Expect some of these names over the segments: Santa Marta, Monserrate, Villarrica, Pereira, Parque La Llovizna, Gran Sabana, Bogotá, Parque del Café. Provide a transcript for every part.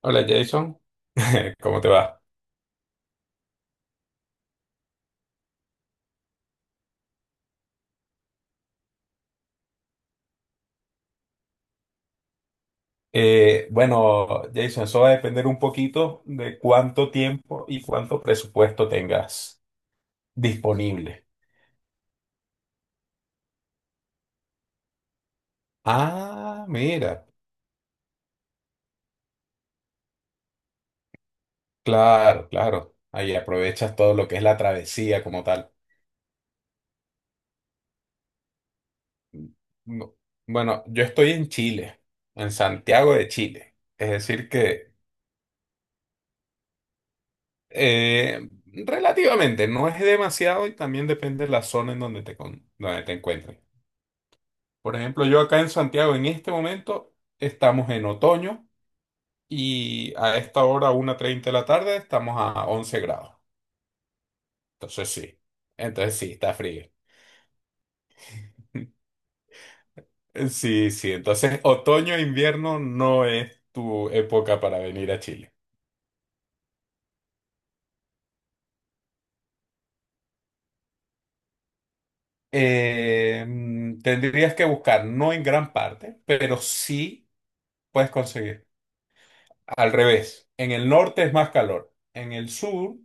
Hola, Jason. ¿Cómo te va? Bueno, Jason, eso va a depender un poquito de cuánto tiempo y cuánto presupuesto tengas disponible. Ah, mira, claro, claro. Ahí aprovechas todo lo que es la travesía como tal. Mm, No, bueno, yo estoy en Chile, en Santiago de Chile. Es decir que relativamente no es demasiado, y también depende de la zona en donde donde te encuentres. Por ejemplo, yo acá en Santiago en este momento estamos en otoño, y a esta hora, 1:30 de la tarde, estamos a 11 grados. Entonces sí, entonces sí, está frío. Sí, sí, entonces otoño e invierno no es tu época para venir a Chile. Tendrías que buscar, no en gran parte, pero sí puedes conseguir. Al revés, en el norte es más calor, en el sur.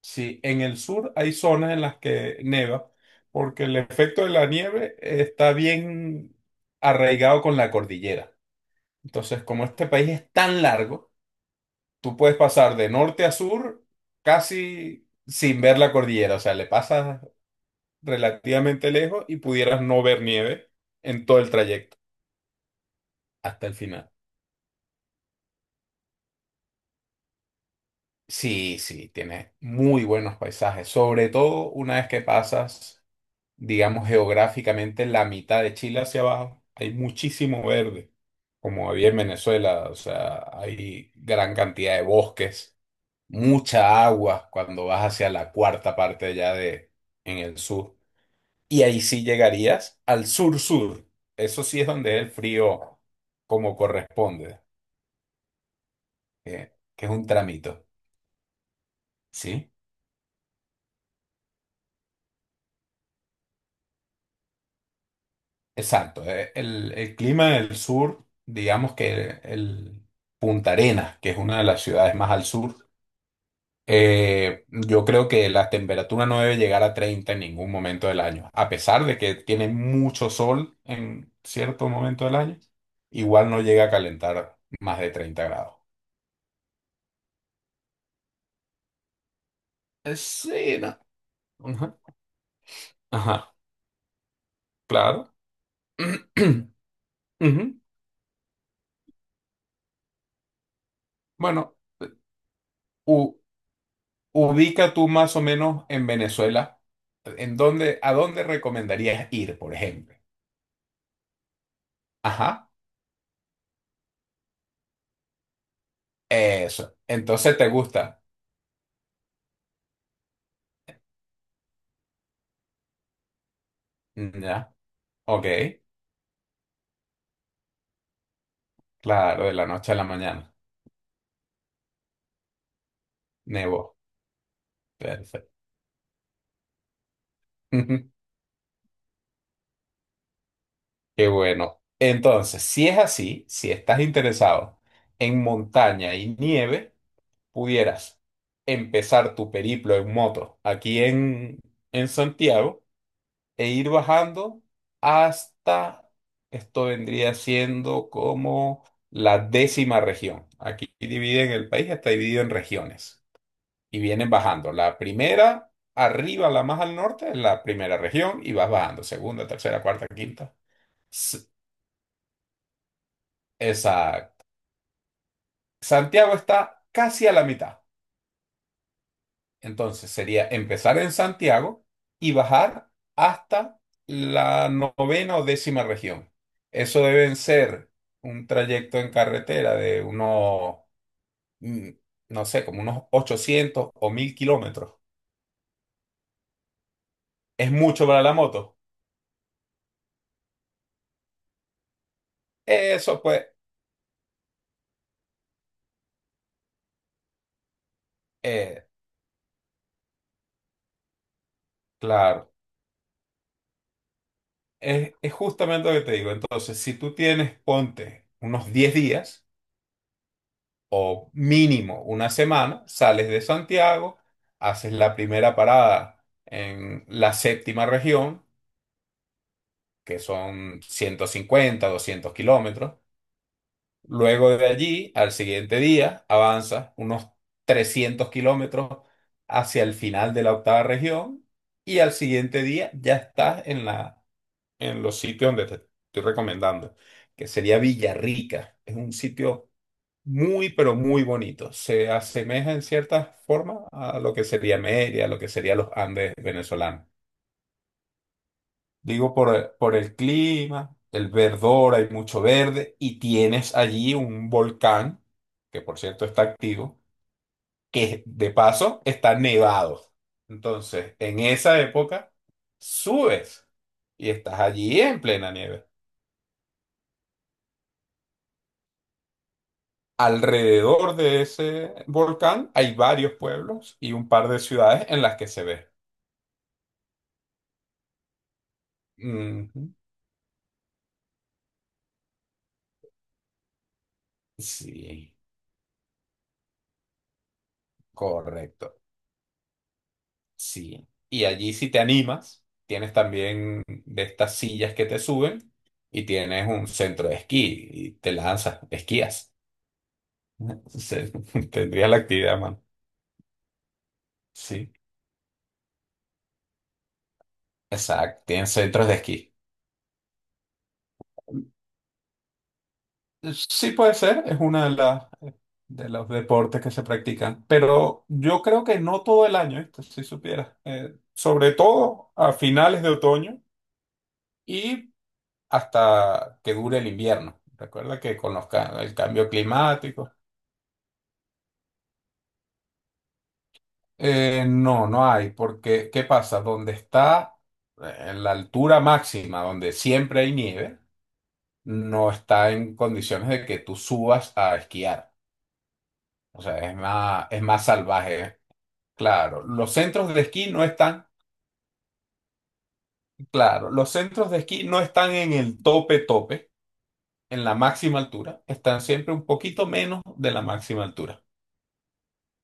Sí, en el sur hay zonas en las que neva, porque el efecto de la nieve está bien arraigado con la cordillera. Entonces, como este país es tan largo, tú puedes pasar de norte a sur casi sin ver la cordillera. O sea, le pasas relativamente lejos y pudieras no ver nieve en todo el trayecto hasta el final. Sí, sí, tiene muy buenos paisajes, sobre todo una vez que pasas. Digamos, geográficamente la mitad de Chile hacia abajo, hay muchísimo verde, como había en Venezuela. O sea, hay gran cantidad de bosques, mucha agua cuando vas hacia la cuarta parte ya de en el sur. Y ahí sí llegarías al sur-sur. Eso sí es donde es el frío como corresponde, que es un tramito, ¿sí? Exacto. El clima del sur, digamos que el Punta Arenas, que es una de las ciudades más al sur. Yo creo que la temperatura no debe llegar a 30 en ningún momento del año, a pesar de que tiene mucho sol en cierto momento del año. Igual no llega a calentar más de 30 grados. Sí, no. Ajá, ajá, claro. Ujú. Bueno, u- ubica tú más o menos en Venezuela, en dónde, a dónde recomendarías ir, por ejemplo. Ajá, eso. Entonces te gusta. Ya. Ok. Claro, de la noche a la mañana. Nevó. Perfecto. Qué bueno. Entonces, si es así, si estás interesado en montaña y nieve, pudieras empezar tu periplo en moto aquí en Santiago e ir bajando hasta, esto vendría siendo como la décima región. Aquí dividen el país, está dividido en regiones, y vienen bajando. La primera, arriba, la más al norte, es la primera región, y vas bajando. Segunda, tercera, cuarta, quinta. S- Exacto. Santiago está casi a la mitad. Entonces sería empezar en Santiago y bajar hasta la novena o décima región. Eso deben ser un trayecto en carretera de unos, mm, no sé, como unos 800 o 1000 kilómetros. ¿Es mucho para la moto? Eso pues, eh, claro. Es justamente lo que te digo. Entonces, si tú tienes, ponte unos 10 días o mínimo una semana, sales de Santiago, haces la primera parada en la séptima región, que son 150 200 kilómetros. Luego de allí, al siguiente día, avanzas unos 300 kilómetros hacia el final de la octava región, y al siguiente día ya estás en los sitios donde te estoy recomendando, que sería Villarrica. Es un sitio muy, pero muy bonito. Se asemeja en cierta forma a lo que sería Mérida, a lo que serían los Andes venezolanos. Digo, por el clima, el verdor, hay mucho verde y tienes allí un volcán, que por cierto está activo, que de paso está nevado. Entonces, en esa época, subes y estás allí en plena nieve. Alrededor de ese volcán hay varios pueblos y un par de ciudades en las que se ve. Ujú. Sí, correcto. Sí. Y allí si te animas, tienes también de estas sillas que te suben y tienes un centro de esquí y te lanzas, esquías. Se- Tendrías la actividad, mano. Sí, exacto. Tienen centros de esquí. Sí puede ser, es una de las de los deportes que se practican, pero yo creo que no todo el año, esto si supieras, sobre todo a finales de otoño y hasta que dure el invierno. Recuerda que con los el cambio climático, no, no hay, porque ¿qué pasa? Donde está en la altura máxima, donde siempre hay nieve, no está en condiciones de que tú subas a esquiar. O sea, es más salvaje. Claro, los centros de esquí no están, claro, los centros de esquí no están en el tope tope, en la máxima altura, están siempre un poquito menos de la máxima altura.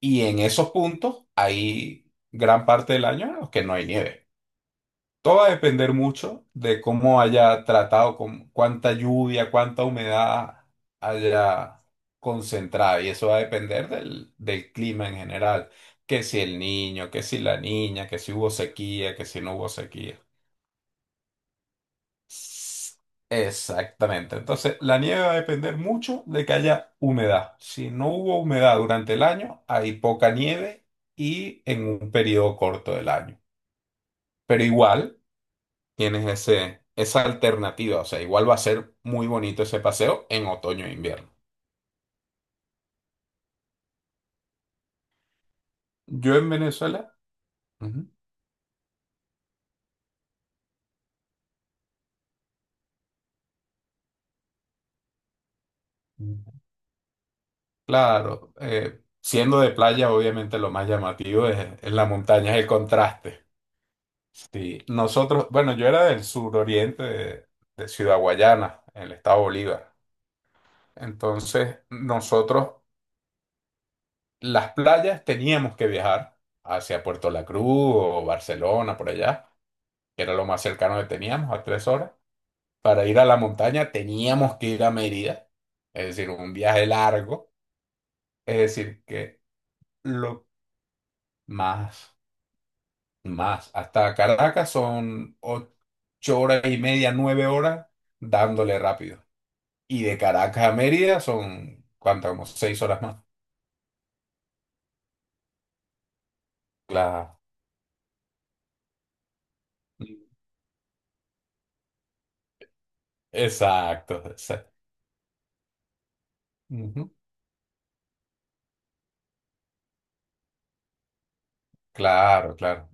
Y en esos puntos hay gran parte del año en los que no hay nieve. Todo va a depender mucho de cómo haya tratado, con cuánta lluvia, cuánta humedad haya concentrada. Y eso va a depender del clima en general. Que si el niño, que si la niña, que si hubo sequía, que si no hubo sequía. S- Exactamente. Entonces, la nieve va a depender mucho de que haya humedad. Si no hubo humedad durante el año, hay poca nieve y en un periodo corto del año. Pero igual tienes esa alternativa. O sea, igual va a ser muy bonito ese paseo en otoño e invierno. Yo en Venezuela, ujú, claro, siendo de playa, obviamente lo más llamativo es la montaña, es el contraste. Sí, nosotros, bueno, yo era del suroriente de Ciudad Guayana, en el estado Bolívar. Entonces, nosotros, las playas, teníamos que viajar hacia Puerto La Cruz o Barcelona, por allá, que era lo más cercano que teníamos, a 3 horas. Para ir a la montaña, teníamos que ir a Mérida, es decir, un viaje largo. Es decir, que lo más, más, hasta Caracas son 8 horas y media, 9 horas, dándole rápido. Y de Caracas a Mérida son, ¿cuánto? Como 6 horas más. Claro. Exacto. Exacto. Ujú. Claro, claro.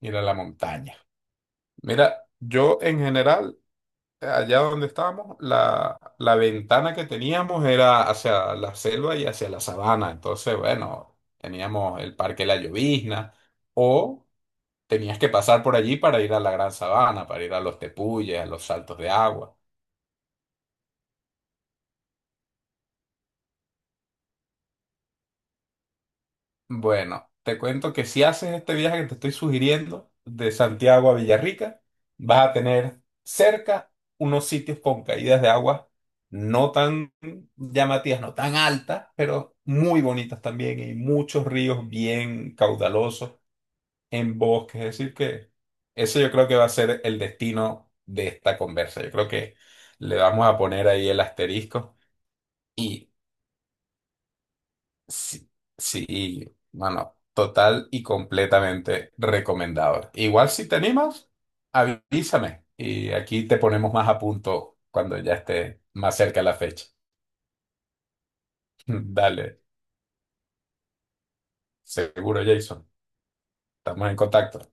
Ir a la montaña. Mira, yo en general, allá donde estábamos, la ventana que teníamos era hacia la selva y hacia la sabana. Entonces, bueno, teníamos el Parque La Llovizna o tenías que pasar por allí para ir a la Gran Sabana, para ir a los tepuyes, a los saltos de agua. Bueno, te cuento que si haces este viaje que te estoy sugiriendo de Santiago a Villarrica, vas a tener cerca unos sitios con caídas de agua no tan llamativas, no tan altas, pero muy bonitas también y muchos ríos bien caudalosos en bosques. Es decir, que ese yo creo que va a ser el destino de esta conversa. Yo creo que le vamos a poner ahí el asterisco. Y Sí, sí, no, no, total y completamente recomendado. Igual si te animas, avísame y aquí te ponemos más a punto cuando ya esté más cerca la fecha. Dale, seguro, Jason. Estamos en contacto.